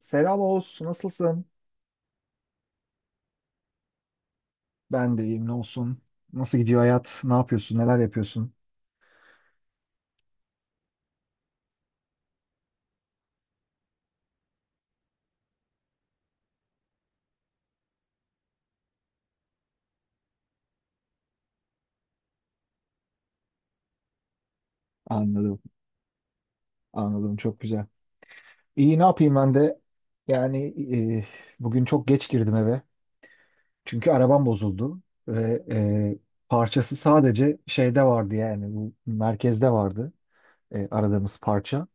Selam Oğuz, nasılsın? Ben de iyiyim, ne olsun? Nasıl gidiyor hayat? Ne yapıyorsun? Neler yapıyorsun? Anladım, anladım. Çok güzel. İyi, ne yapayım ben de? Yani e, bugün çok geç girdim eve. Çünkü arabam bozuldu. Ve parçası sadece şeyde vardı yani. Bu merkezde vardı aradığımız parça.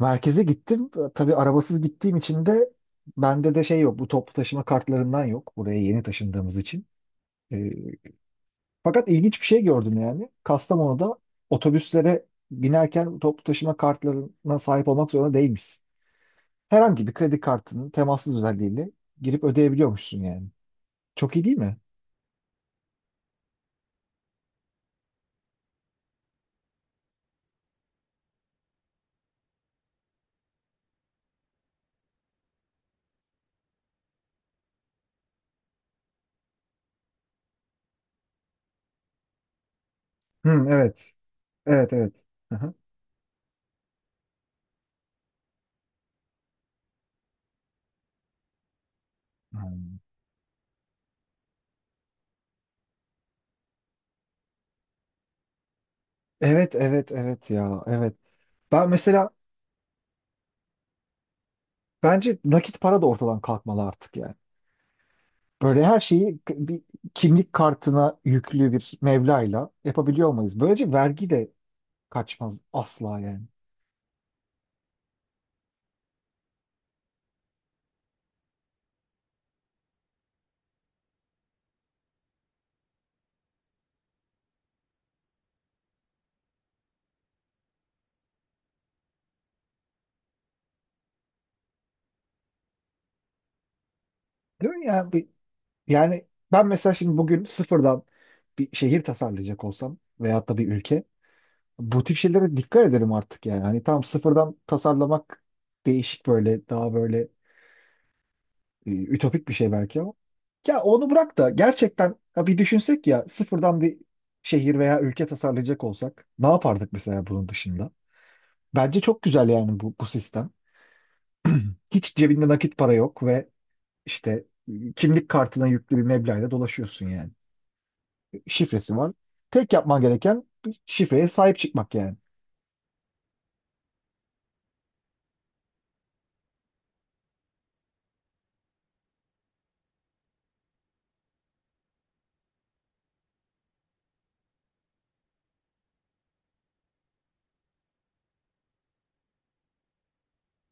Merkeze gittim. Tabii arabasız gittiğim için de bende şey yok. Bu toplu taşıma kartlarından yok. Buraya yeni taşındığımız için. Ee, fakat ilginç bir şey gördüm yani. Kastamonu'da otobüslere binerken toplu taşıma kartlarına sahip olmak zorunda değilmişsin. Herhangi bir kredi kartının temassız özelliğiyle girip ödeyebiliyormuşsun yani. Çok iyi değil mi? Hı, evet. Evet, evet. Aha. Hmm. Evet, evet, evet ya. Evet. Ben mesela bence nakit para da ortadan kalkmalı artık. Böyle her şeyi bir kimlik kartına yüklü bir mevlayla yapabiliyor olmalıyız. Böylece vergi de kaçmaz asla yani. Değil mi? Yani ben mesela şimdi bugün sıfırdan bir şehir tasarlayacak olsam veyahut da bir ülke, bu tip şeylere dikkat ederim artık yani. Hani tam sıfırdan tasarlamak değişik, böyle daha böyle ütopik bir şey belki ama. Ya onu bırak da gerçekten ya bir düşünsek ya, sıfırdan bir şehir veya ülke tasarlayacak olsak ne yapardık mesela bunun dışında? Bence çok güzel yani bu sistem. Hiç cebinde nakit para yok ve işte kimlik kartına yüklü bir meblağla dolaşıyorsun yani. Şifresi var. Tek yapman gereken şifreye sahip çıkmak yani.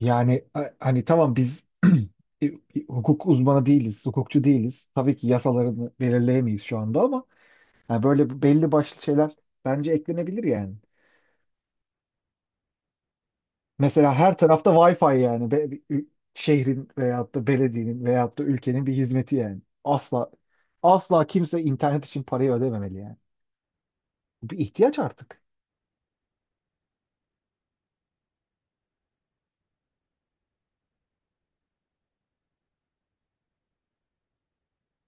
Hani tamam biz e, hukuk uzmanı değiliz, hukukçu değiliz. Tabii ki yasalarını belirleyemeyiz şu anda ama yani böyle belli başlı şeyler bence eklenebilir yani. Mesela her tarafta Wi-Fi yani. Şehrin veyahut da belediyenin veyahut da ülkenin bir hizmeti yani. Asla asla kimse internet için parayı ödememeli yani. Bu bir ihtiyaç artık.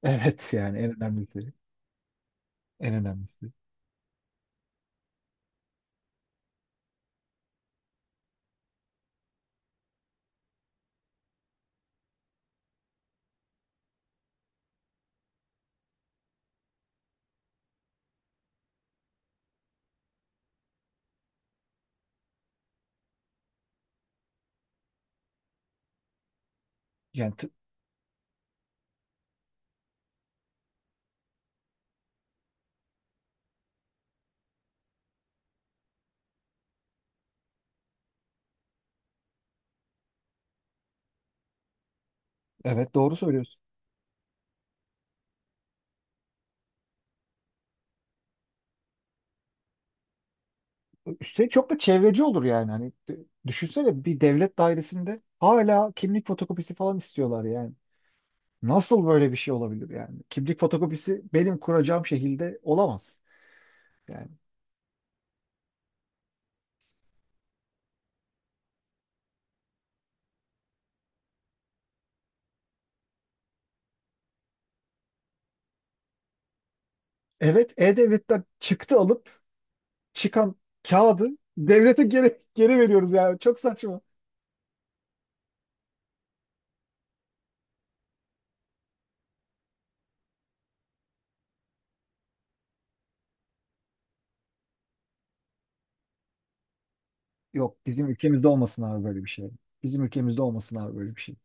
Evet yani en önemlisi. En önemlisi. Yani t- evet doğru söylüyorsun. Üstelik çok da çevreci olur yani. Düşünsene bir devlet dairesinde hala kimlik fotokopisi falan istiyorlar yani. Nasıl böyle bir şey olabilir yani? Kimlik fotokopisi benim kuracağım şekilde olamaz. Yani evet, e-devletten çıktı alıp çıkan kağıdı devlete geri veriyoruz yani. Çok saçma. Yok, bizim ülkemizde olmasın abi böyle bir şey. Bizim ülkemizde olmasın abi böyle bir şey.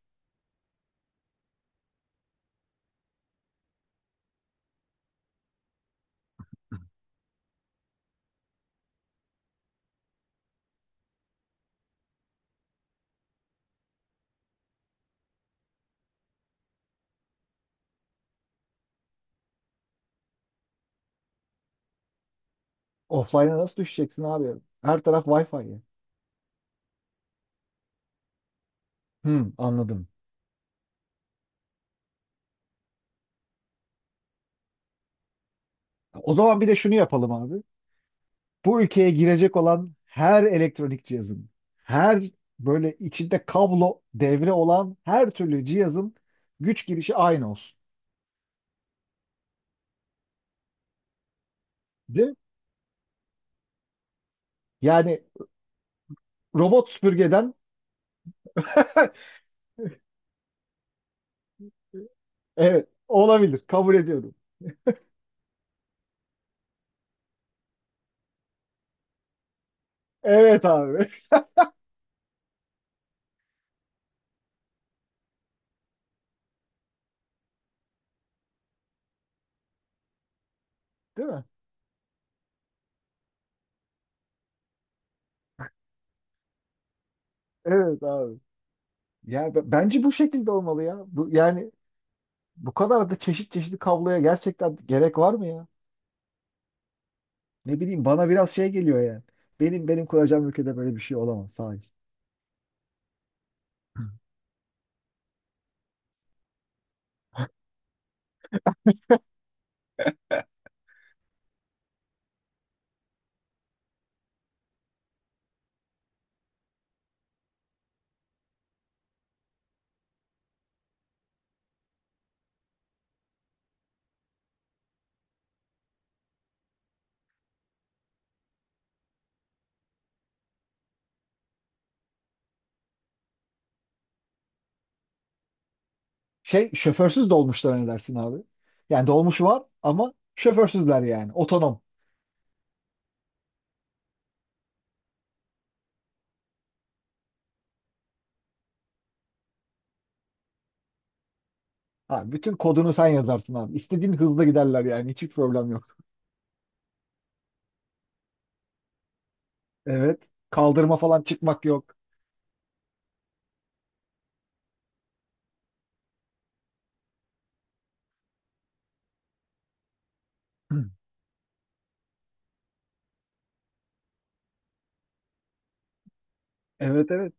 Offline'a nasıl düşeceksin abi? Her taraf Wi-Fi ya. Hmm, anladım. O zaman bir de şunu yapalım abi. Bu ülkeye girecek olan her elektronik cihazın, her böyle içinde kablo devre olan her türlü cihazın güç girişi aynı olsun. Değil mi? Yani robot süpürgeden evet, olabilir. Kabul ediyorum. Evet abi. Değil mi? Evet abi. Bence bu şekilde olmalı ya. Yani bu kadar da çeşit çeşitli kabloya gerçekten gerek var mı ya? Ne bileyim, bana biraz şey geliyor yani. Benim kuracağım ülkede böyle bir şey olamaz sadece. Şey, şoförsüz dolmuşlar ne dersin abi? Yani dolmuş var ama şoförsüzler yani. Otonom. Ha, bütün kodunu sen yazarsın abi. İstediğin hızla giderler yani. Hiçbir problem yok. Evet. Kaldırma falan çıkmak yok. Evet, evet.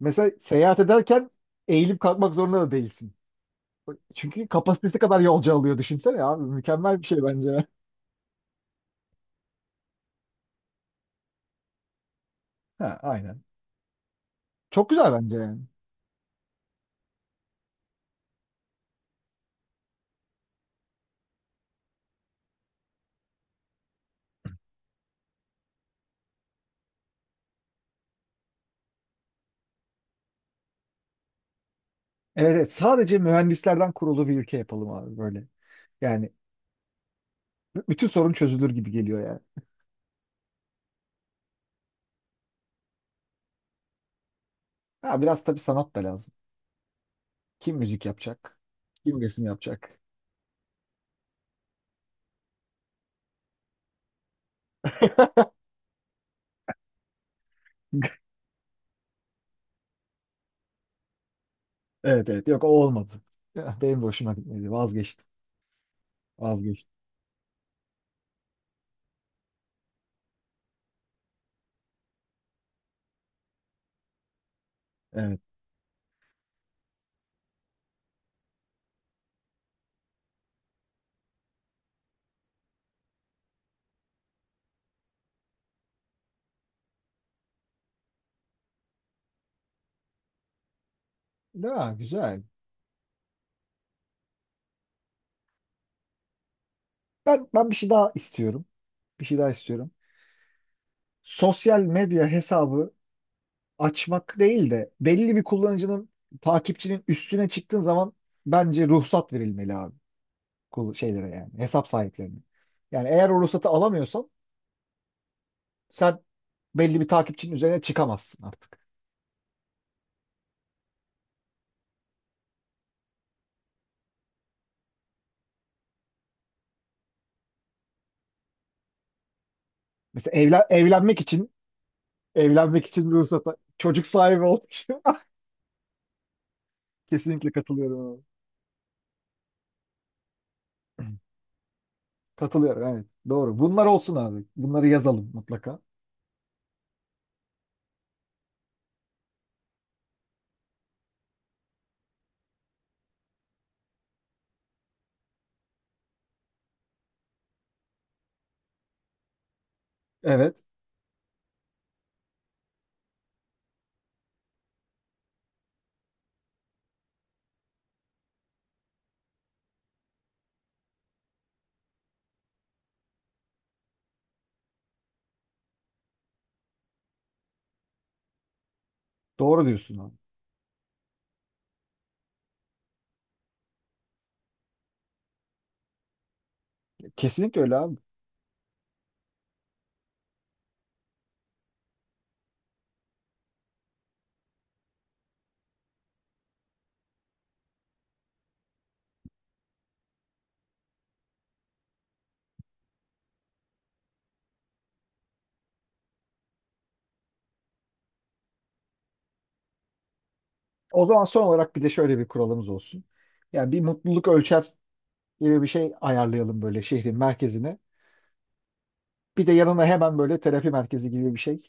Mesela seyahat ederken eğilip kalkmak zorunda da değilsin. Çünkü kapasitesi kadar yolcu alıyor, düşünsene abi. Mükemmel bir şey bence. Ha, aynen. Çok güzel bence yani. Evet, evet, sadece mühendislerden kurulu bir ülke yapalım abi böyle. Yani bütün sorun çözülür gibi geliyor yani. Ha, biraz tabii sanat da lazım. Kim müzik yapacak? Kim resim yapacak? Evet evet, yok o olmadı. Ya, benim de hoşuma gitmedi. Vazgeçtim. Vazgeçtim. Evet. Ya, güzel. Ben bir şey daha istiyorum. Bir şey daha istiyorum. Sosyal medya hesabı açmak değil de belli bir kullanıcının, takipçinin üstüne çıktığın zaman bence ruhsat verilmeli abi. Şeylere yani, hesap sahiplerine. Yani eğer o ruhsatı alamıyorsan sen belli bir takipçinin üzerine çıkamazsın artık. Mesela evlenmek için, evlenmek için bir ruhsata, çocuk sahibi olduğu için kesinlikle katılıyorum abi. Katılıyorum, evet. Doğru. Bunlar olsun abi. Bunları yazalım mutlaka. Evet. Doğru diyorsun abi. Kesinlikle öyle abi. O zaman son olarak bir de şöyle bir kuralımız olsun. Yani bir mutluluk ölçer gibi bir şey ayarlayalım böyle şehrin merkezine. Bir de yanına hemen böyle terapi merkezi gibi bir şey.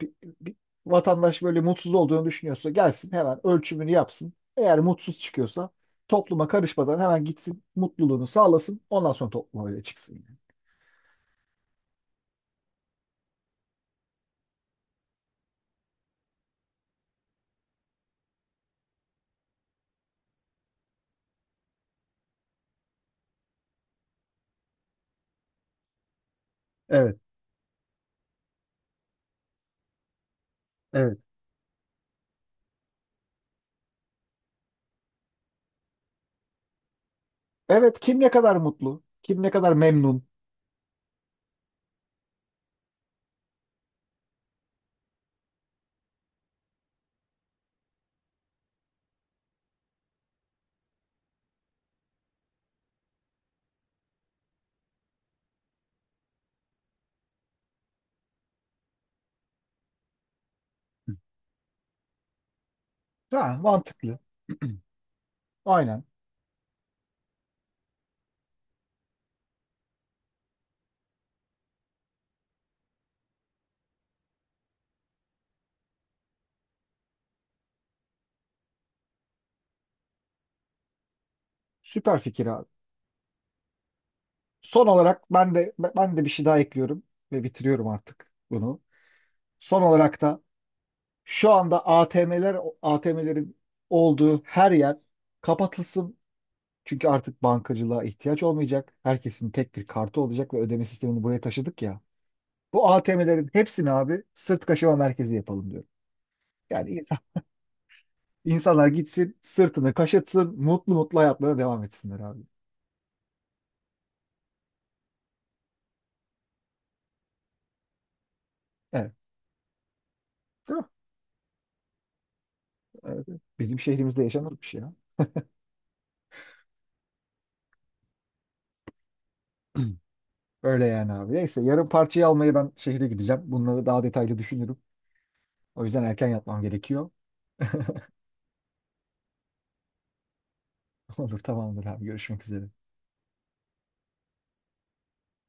Bir, bir vatandaş böyle mutsuz olduğunu düşünüyorsa gelsin hemen ölçümünü yapsın. Eğer mutsuz çıkıyorsa topluma karışmadan hemen gitsin mutluluğunu sağlasın. Ondan sonra topluma öyle çıksın yani. Evet, evet. Evet, kim ne kadar mutlu, kim ne kadar memnun. Ha, mantıklı. Aynen. Süper fikir abi. Son olarak ben de bir şey daha ekliyorum ve bitiriyorum artık bunu. Son olarak da şu anda ATM'lerin olduğu her yer kapatılsın. Çünkü artık bankacılığa ihtiyaç olmayacak. Herkesin tek bir kartı olacak ve ödeme sistemini buraya taşıdık ya. Bu ATM'lerin hepsini abi sırt kaşıma merkezi yapalım diyorum. Yani insanlar gitsin, sırtını kaşıtsın, mutlu mutlu hayatlarına devam etsinler abi. Evet. Değil mi? Evet. Bizim şehrimizde yaşanır bir şey ya. Öyle yani abi. Neyse, yarın parçayı almaya ben şehre gideceğim. Bunları daha detaylı düşünürüm. O yüzden erken yatmam gerekiyor. Olur, tamamdır abi, görüşmek üzere.